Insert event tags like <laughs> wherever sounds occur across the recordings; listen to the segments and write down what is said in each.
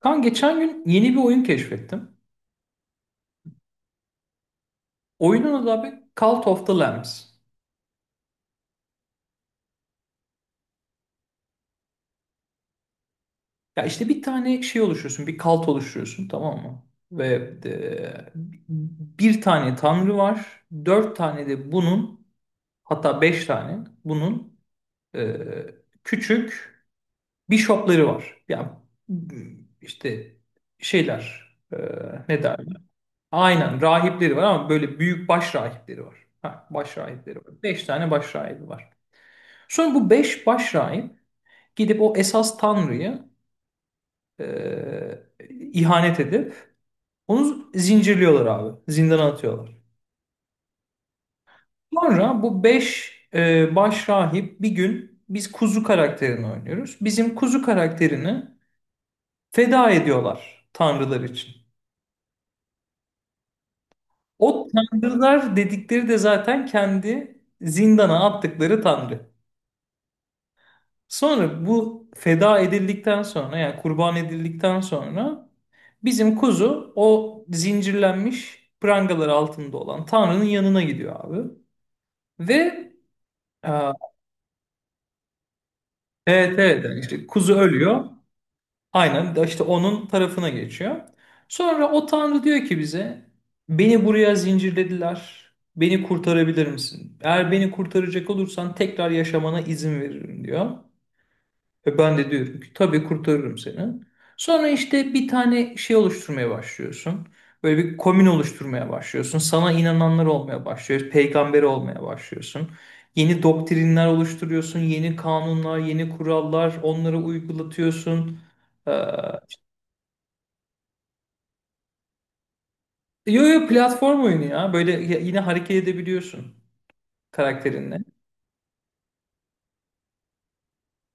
Kan geçen gün yeni bir oyun keşfettim. Oyunun adı abi Cult of the Lambs. Ya işte bir tane şey oluşturuyorsun, bir kalt oluşturuyorsun, tamam mı? Ve e, bir tane tanrı var, dört tane de bunun, hatta beş tane bunun e, küçük bishopları var. Ya işte şeyler, ne derler? Aynen, rahipleri var ama böyle büyük baş rahipleri var. Ha, baş rahipleri var. Beş tane baş rahibi var. Sonra bu beş başrahip gidip o esas tanrıyı e, ihanet edip onu zincirliyorlar abi. Zindana atıyorlar. Sonra bu beş başrahip bir gün, biz kuzu karakterini oynuyoruz. Bizim kuzu karakterini feda ediyorlar tanrılar için. O tanrılar dedikleri de zaten kendi zindana attıkları tanrı. Sonra bu feda edildikten sonra, yani kurban edildikten sonra, bizim kuzu o zincirlenmiş prangalar altında olan Tanrı'nın yanına gidiyor abi. Ve e, evet, evet, yani işte kuzu ölüyor. Aynen, de işte onun tarafına geçiyor. Sonra o Tanrı diyor ki bize, beni buraya zincirlediler. Beni kurtarabilir misin? Eğer beni kurtaracak olursan tekrar yaşamana izin veririm, diyor. Ve ben de diyorum ki, tabii kurtarırım seni. Sonra işte bir tane şey oluşturmaya başlıyorsun. Böyle bir komün oluşturmaya başlıyorsun. Sana inananlar olmaya başlıyor. Peygamber olmaya başlıyorsun. Yeni doktrinler oluşturuyorsun. Yeni kanunlar, yeni kurallar. Onları uygulatıyorsun. Ee, yo, yo, platform oyunu ya. Böyle yine hareket edebiliyorsun karakterinle.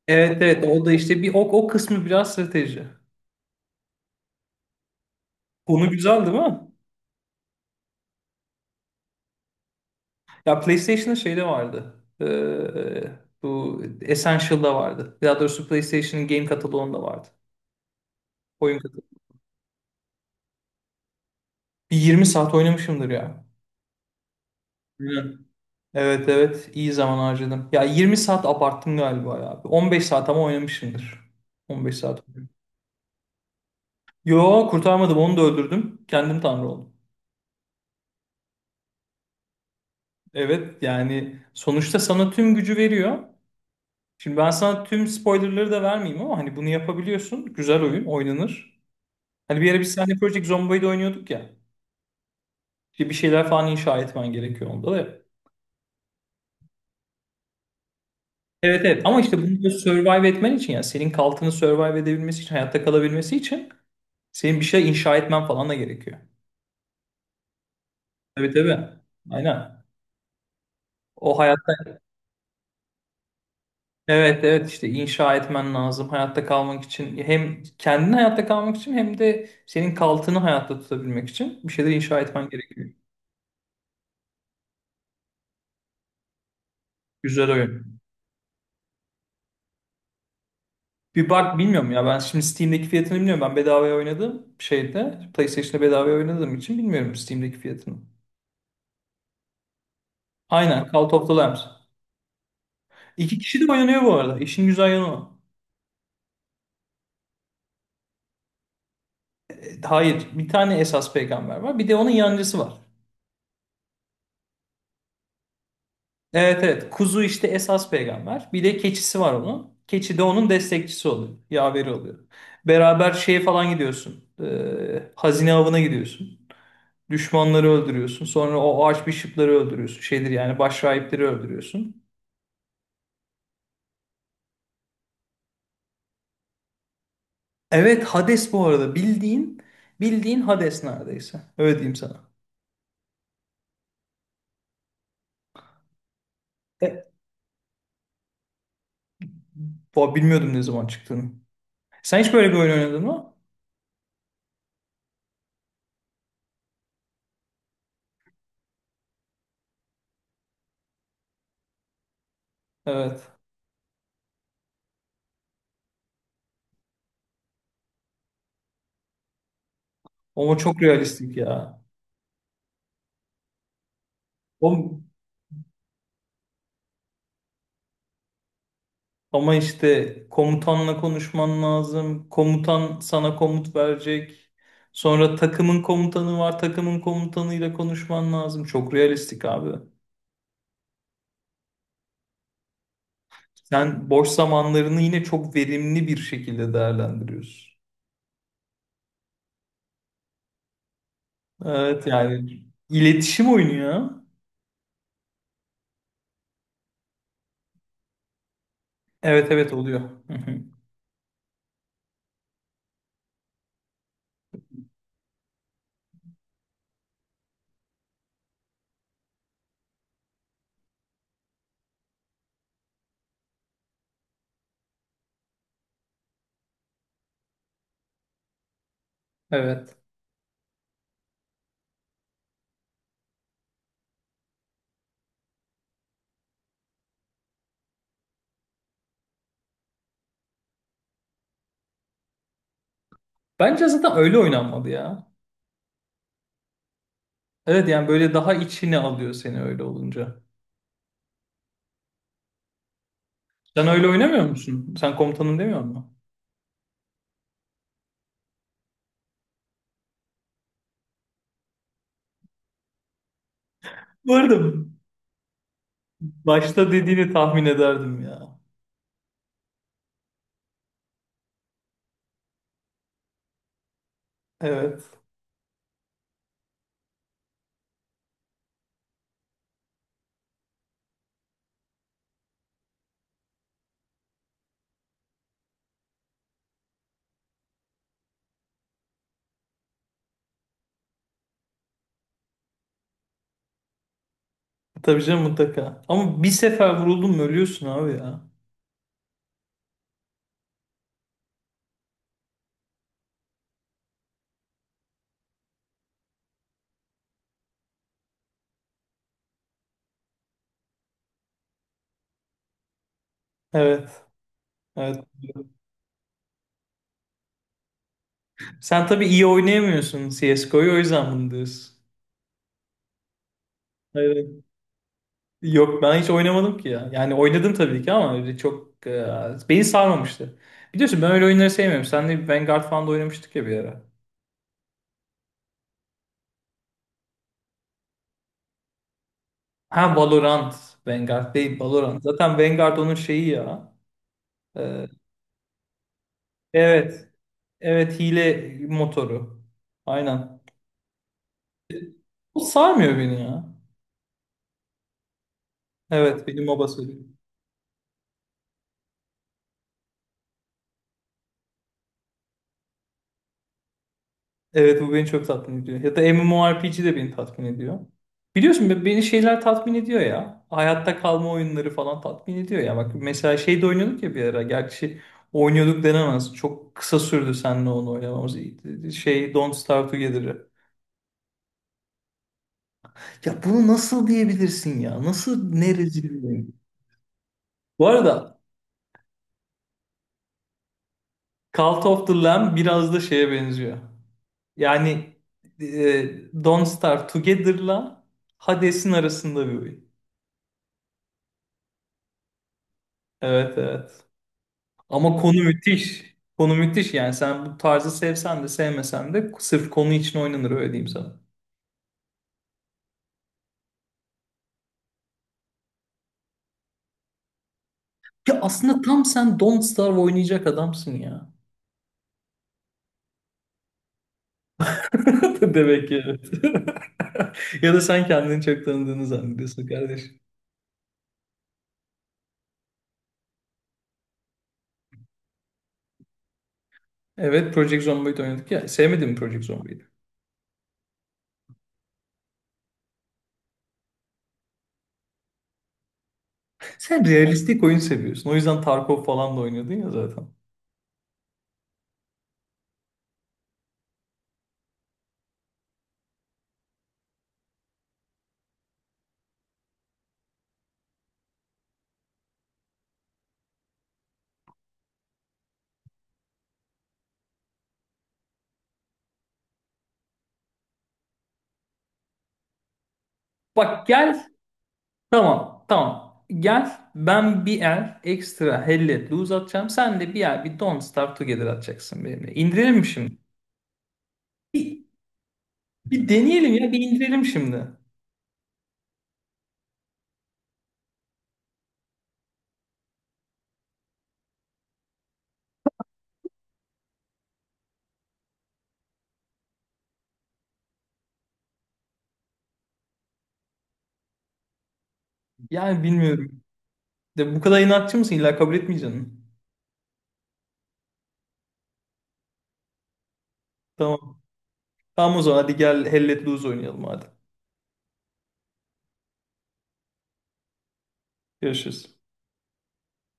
Evet, evet. O da işte bir o kısmı biraz strateji. Konu güzel değil mi? Ya PlayStation'ın şeyde vardı. Bu Essential'da vardı. Daha doğrusu PlayStation'ın game kataloğunda vardı. Oyun kataloğu. Bir 20 saat oynamışımdır ya. Hı. Evet, evet, iyi zaman harcadım. Ya 20 saat abarttım galiba ya. 15 saat ama oynamışımdır. 15 saat. Yo, kurtarmadım, onu da öldürdüm. Kendim tanrı oldum. Evet, yani sonuçta sana tüm gücü veriyor. Şimdi ben sana tüm spoilerları da vermeyeyim ama hani bunu yapabiliyorsun. Güzel oyun oynanır. Hani bir ara bir sahne Project Zomboid'i oynuyorduk ya. İşte bir şeyler falan inşa etmen gerekiyor onda da. Evet, evet, ama işte bunu da survive etmen için, yani senin kaltını survive edebilmesi için, hayatta kalabilmesi için, senin bir şey inşa etmen falan da gerekiyor. Tabii, tabii. Aynen. O hayatta, evet, evet, işte inşa etmen lazım hayatta kalmak için, hem kendin hayatta kalmak için hem de senin kaltını hayatta tutabilmek için bir şeyler inşa etmen gerekiyor. Güzel oyun. Bir bak, bilmiyorum ya, ben şimdi Steam'deki fiyatını bilmiyorum, ben bedavaya oynadım şeyde, PlayStation'da bedavaya oynadığım için bilmiyorum Steam'deki fiyatını. Aynen, Cult of the Lambs. İki kişi de oynanıyor bu arada. İşin güzel yanı o. Hayır, bir tane esas peygamber var. Bir de onun yancısı var. Evet, evet. Kuzu işte esas peygamber. Bir de keçisi var onun. Keçi de onun destekçisi oluyor. Yaveri oluyor. Beraber şeye falan gidiyorsun. Hazine avına gidiyorsun. Düşmanları öldürüyorsun. Sonra o archbishop'ları öldürüyorsun. Şeydir yani, başrahipleri öldürüyorsun. Evet, Hades bu arada. Bildiğin bildiğin Hades neredeyse. Öyle diyeyim sana. E, bilmiyordum ne zaman çıktığını. Sen hiç böyle bir oyun oynadın mı? Evet. Ama çok realistik ya. O, ama işte komutanla konuşman lazım. Komutan sana komut verecek. Sonra takımın komutanı var. Takımın komutanıyla konuşman lazım. Çok realistik abi. Sen boş zamanlarını yine çok verimli bir şekilde değerlendiriyorsun. Evet, yani iletişim oyunu ya. Evet, evet, oluyor. Hı hı. Evet. Bence zaten öyle oynanmadı ya. Evet, yani böyle daha içine alıyor seni öyle olunca. Sen öyle oynamıyor musun? Sen komutanım demiyor musun? Vardım. Başta dediğini tahmin ederdim ya. Evet. Tabii canım mutlaka. Ama bir sefer vuruldun mu ölüyorsun abi ya. Evet. Evet. Sen tabii iyi oynayamıyorsun CSGO'yu, o yüzden bunu diyorsun. Evet. Yok, ben hiç oynamadım ki ya. Yani oynadım tabii ki ama öyle çok beni sarmamıştı. Biliyorsun, ben öyle oyunları sevmiyorum. Senle Vanguard falan da oynamıştık ya bir ara. Ha, Valorant. Vanguard değil Valorant. Zaten Vanguard onun şeyi ya. E, Evet. Evet, hile motoru. Aynen. Bu sarmıyor beni ya. Evet benim MOBA söylüyor. Evet, bu beni çok tatmin ediyor. Ya da MMORPG de beni tatmin ediyor. Biliyorsun, beni şeyler tatmin ediyor ya. Hayatta kalma oyunları falan tatmin ediyor ya. Bak mesela şey de oynuyorduk ya bir ara. Gerçi oynuyorduk denemez. Çok kısa sürdü seninle onu oynamamız. Şey Don't Starve Together'ı. Ya bunu nasıl diyebilirsin ya? Nasıl ne rezil bir oyun? Bu arada, Cult of the Lamb biraz da şeye benziyor. Yani Don't Starve Together'la Hades'in arasında bir oyun. Evet, evet. Ama konu müthiş. Konu müthiş yani, sen bu tarzı sevsen de sevmesen de sırf konu için oynanır, öyle diyeyim sana. Ya aslında tam sen Don't Starve oynayacak adamsın ya. <laughs> Demek ki evet. <laughs> Ya da sen kendini çok tanıdığını zannediyorsun kardeşim. Evet, Project Zomboid oynadık ya. Sevmedin mi Project Zomboid'i? Sen realistik oyun seviyorsun. O yüzden Tarkov falan da oynuyordun ya zaten. Bak, gel. Tamam. Tamam. Gel. Ben bir el ekstra helle lose atacağım. Sen de bir el bir don't start together atacaksın benimle. İndirelim mi şimdi? Bir, bir deneyelim ya. Bir indirelim şimdi. Yani bilmiyorum. De bu kadar inatçı mısın? İlla kabul etmeyeceksin. Tamam. Tamam, o zaman hadi gel helle lose oynayalım hadi. Görüşürüz.